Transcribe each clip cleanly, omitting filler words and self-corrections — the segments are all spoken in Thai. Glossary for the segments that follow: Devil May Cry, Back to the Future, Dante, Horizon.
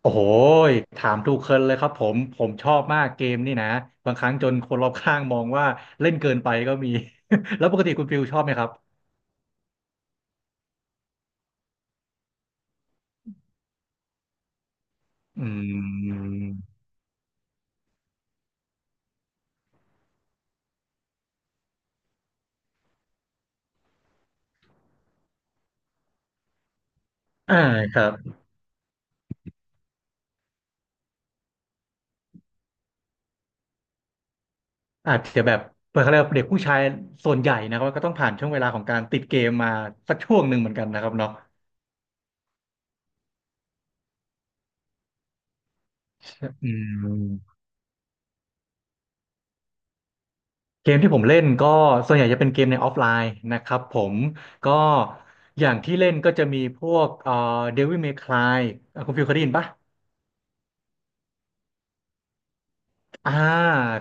โอ้โหยถามถูกเคินเลยครับผมผมชอบมากเกมนี่นะบางครั้งจนคนรอบข้างมองว่าเล่นเกินไปก็มี แล้วปกติคุณฟิลชอบไหมครับอืมอ่าครับอาจจะแบบเปิดเขาเรียกว่าเด็กผู้ชายส่วนใหญ่นะครับก็ต้องผ่านช่วงเวลาของการติดเกมมาสักช่วงหนึ่งเหมือนกันนะครับเนาะอืมเกมที่ผมเล่นก็ส่วนใหญ่จะเป็นเกมในออฟไลน์นะครับผมก็อย่างที่เล่นก็จะมีพวกDevil May Cry อ่ะคุณฟิลเคยได้ยินปะ อ่า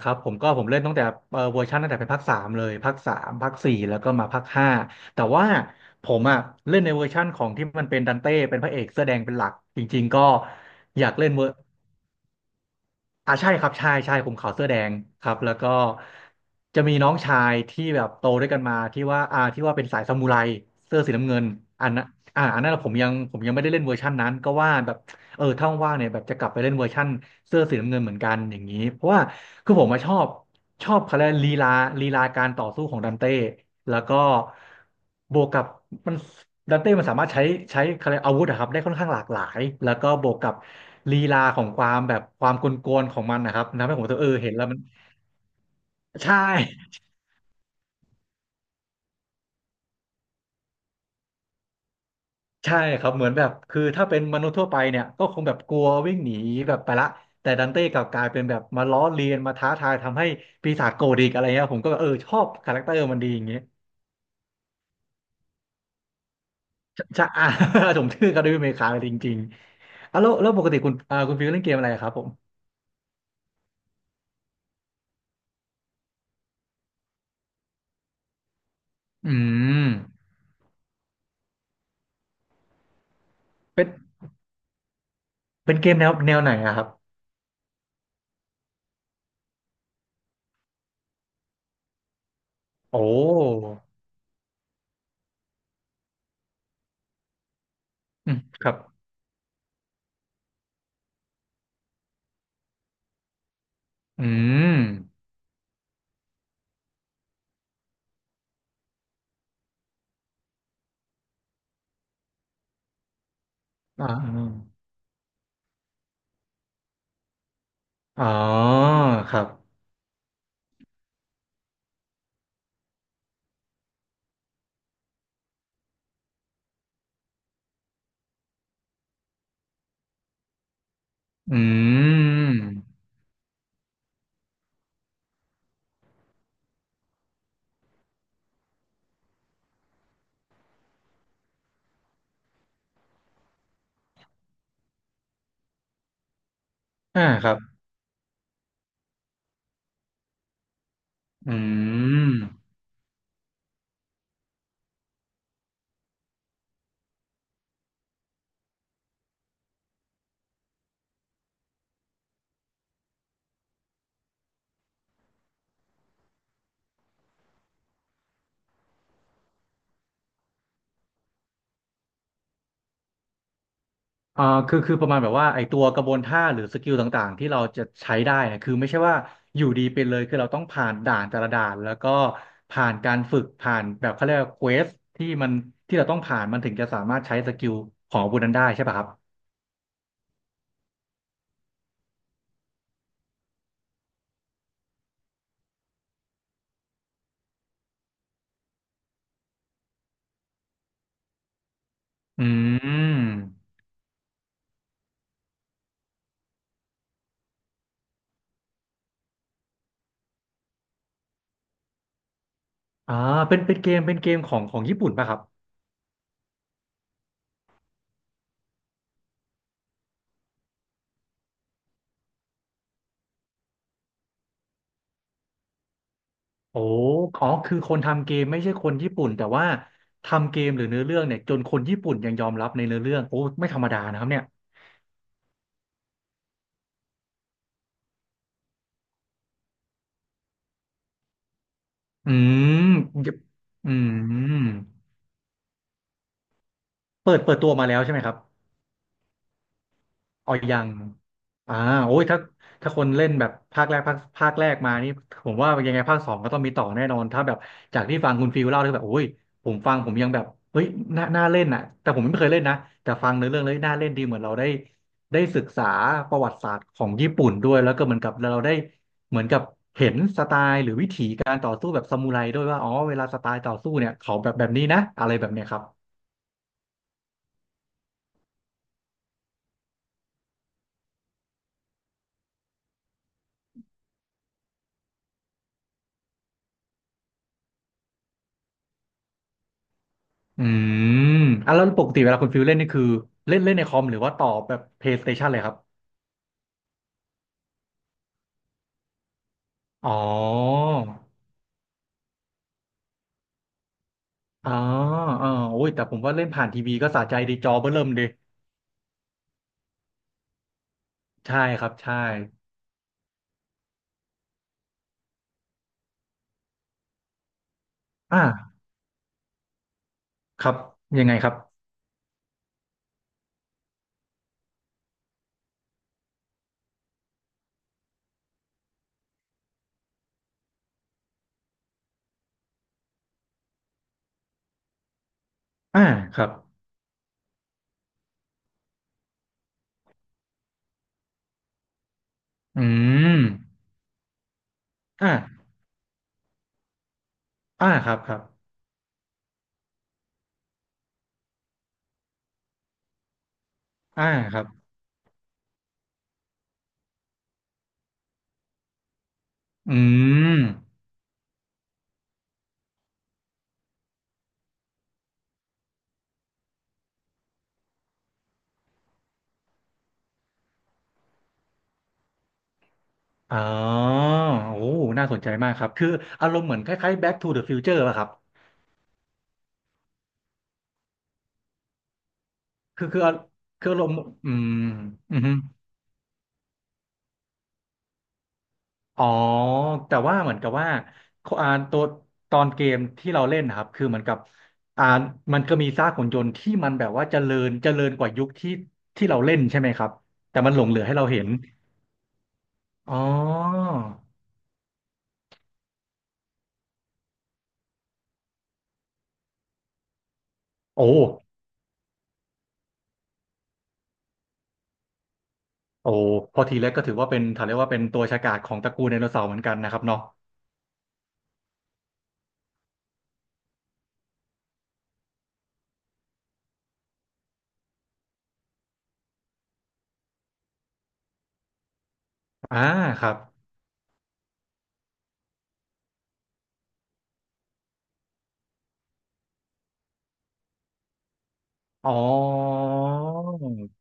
ครับผมก็ผมเล่นตั้งแต่เวอร์ชันตั้งแต่เป็นภาคสามเลยภาคสามภาคสี่แล้วก็มาภาคห้าแต่ว่าผมอ่ะเล่นในเวอร์ชั่นของที่มันเป็นดันเต้เป็นพระเอกเสื้อแดงเป็นหลักจริงๆก็อยากเล่นเวอร์อ่าใช่ครับใช่ใช่ผมขาวเสื้อแดงครับแล้วก็จะมีน้องชายที่แบบโตด้วยกันมาที่ว่าอ่าที่ว่าเป็นสายซามูไรเสื้อสีน้ำเงินอันนั้นอ่าอันนั้นผมยังผมยังไม่ได้เล่นเวอร์ชันนั้นก็ว่าแบบ เออถ้าว่างๆเนี่ยแบบจะกลับไปเล่นเวอร์ชั่นเสื้อสีน้ำเงินเหมือนกันอย่างนี้เพราะว่าคือผมมาชอบชอบเขาเรียกลีลาลีลาการต่อสู้ของดันเต้แล้วก็บวกกับมันดันเต้มันสามารถใช้ใช้เขาเรียกอาวุธอะครับได้ค่อนข้างหลากหลายแล้วก็บวกกับลีลาของความแบบความกลวนๆของมันนะครับทำให้ผมรู้สึกเออเห็นแล้วมันใช่ ใช่ครับเหมือนแบบคือถ้าเป็นมนุษย์ทั่วไปเนี่ยก็คงแบบกลัววิ่งหนีแบบไปละแต่ดันเต้กลับกลายเป็นแบบมาล้อเลียนมาท้าทายทำให้ปีศาจโกรธอีกอะไรเงี้ยผมก็แบบเออชอบคาแรคเตอร์มันดีอย่างเงี้ยช่ อ่า ผมชื่อคาเดมี่เมคาจริงๆอ่ะแล้วแล้วปกติคุณอ่าคุณฟิวเล่นเกมอะไรครับผมอืมเป็นเกมแนวไหนอะครับโอ้อืมครับอืมอ่าอ๋อครับอืมอ่าครับอืม อ่าคือคือประมาณแบบว่าไอตัวกระบวนท่าหรือสกิลต่างๆที่เราจะใช้ได้เนี่ยคือไม่ใช่ว่าอยู่ดีเป็นเลยคือเราต้องผ่านด่านแต่ละด่านแล้วก็ผ่านการฝึกผ่านแบบเขาเรียกว่าเควสที่มันที่เราต้องผ่านมันถึงจะสามารถใช้สกิลของอาวุธนั้นได้ใช่ป่ะครับอืมอ่าเป็นเกมเป็นเกมของของญี่ปุ่นป่ะครับโอ้อ๋อคือคนทำเกมไม่ใช่คนญี่ปุ่นแต่ว่าทำเกมหรือเนื้อเรื่องเนี่ยจนคนญี่ปุ่นยังยอมรับในเนื้อเรื่องโอ้ไม่ธรรมดานะครับเนี่ย อืมเดอืมเปิดตัวมาแล้วใช่ไหมครับอ๋อยังอ่าโอ้ยถ้าถ้าคนเล่นแบบภาคแรกภาคภาคแรกมานี่ผมว่ายังไงภาคสองก็ต้องมีต่อแน่นอนถ้าแบบจากที่ฟังคุณฟิลเล่าที่แบบโอ้ยผมฟังผมยังแบบเฮ้ยน่าน่าเล่นอ่ะแต่ผมไม่เคยเล่นนะ แต่ฟังในอเรื่องเลยน่าเล่นดีเหมือนเราได้ ได้ศึกษาประวัติศาสตร์ของญี่ปุ่นด้วย แล้วก็เหมือนกับเราได้เหมือนกับเห็นสไตล์หรือวิถีการต่อสู้แบบซามูไรด้วยว่าอ๋อเวลาสไตล์ต่อสู้เนี่ยเขาแบบแบบนี้นะอะไรแบบเนี้ยครับ อืมอ่ะแล้วปกติเวลาคุณฟิลเล่นนี่คือเล่นเล่นในคอมหรือว่าต่อแบบ PlayStation เลยครับอ๋ออ๋ออ๋อโอ้ยแต่ผมว่าเล่นผ่านทีวีก็สะใจดีจอเบ้อเริ่มดีใช่ครับใช่อ่าครับยังไงครับอ่าครับอืมอ่าอ่าครับครับอ่าครับอืมอ๋อโอ้น่าสนใจมากครับคืออารมณ์เหมือนคล้ายๆ Back to the Future อะครับคือคือคืออารมณ์อืมอืม อ๋อแต่ว่าเหมือนกับว่าอ่าตัวตอนเกมที่เราเล่นนะครับคือเหมือนกับอ่ามันก็มีซากหุ่นยนต์ที่มันแบบว่าเจริญเจริญกว่ายุคที่ที่เราเล่นใช่ไหมครับแต่มันหลงเหลือให้เราเห็นอ๋อโอ้โอ้พอทีแรกก็ถือว่าเป็นถ้าเรียกว่าเป็นตัวฉกาจของตระกูลไดโนเสาร์เหมือนกันนะครับเนาะอ่าครับอ๋อ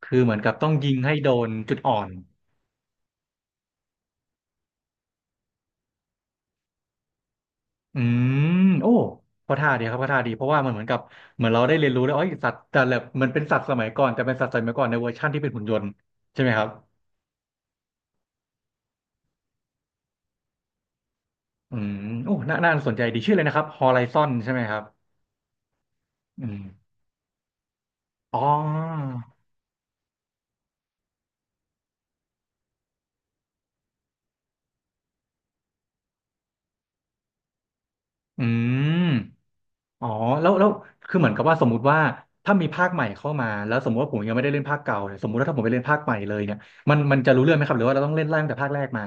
คือเหมือนกับต้องยิงให้โดนจุดอ่อน อืมโอ้ก็ท่าดีครับก็ท่าดีเพราะว่ามันเหมือนกับเหมือนเราได้เรียนรู้แล้วอ๋อสัตว์แต่ละมันเป็นสัตว์สมัยก่อนแต่เป็นสัตว์สมัยก่อนในเวอร์ชั่นที่เป็นหุ่นยนต์ใช่ไหมครับอืมโอ้น่าน่าสนใจดีชื่อเลยนะครับ Horizon ใช่ไหมครับอืมอ๋ออืมอ๋อแล้วแล้วคือเหมือนกับว่าสมมติว่าถ้ามีภาคใหม่เข้ามาแล้วสมมติว่าผมยังไม่ได้เล่นภาคเก่าเนี่ยสมมติว่าถ้าผมไปเล่นภาคใหม่เลยเนี่ยมันมันจะรู้เรื่องไหมครับหรือว่าเราต้องเล่นไล่ตั้งแต่ภาคแรกมา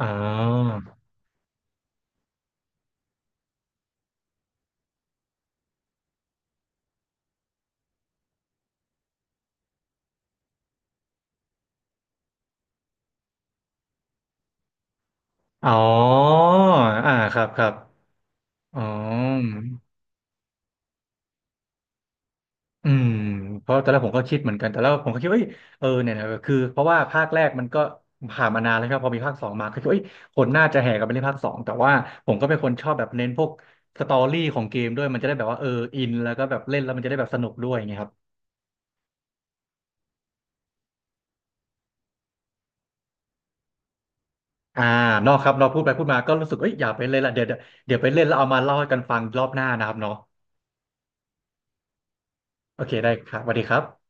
อ๋ออ๋ออ่าครับครับอ๋อ อืมเพราะตอนแรกผมก็คิดเหมือนกันแต่แล้วผมก็คิดว่าเอ้ยเออเนี่ยนะคือเพราะว่าภาคแรกมันก็ผ่านมานานแล้วครับพอมีภาคสองมาก็คิดว่าเอ้ยคนน่าจะแห่กันไปเล่นภาคสองแต่ว่าผมก็เป็นคนชอบแบบเน้นพวกสตอรี่ของเกมด้วยมันจะได้แบบว่าเอออินแล้วก็แบบเล่นแล้วมันจะได้แบบสนุกด้วยอย่างเงี้ยครับอ่านอกครับเราพูดไปพูดมาก็รู้สึกเอ้ยอยากไปเล่นละเดี๋ยวเดี๋ยวไปเล่นแล้วเอามาเล่าให้กันฟังรอบหน้านะครับเนาะโอเคได้ครับสวัสดีครับ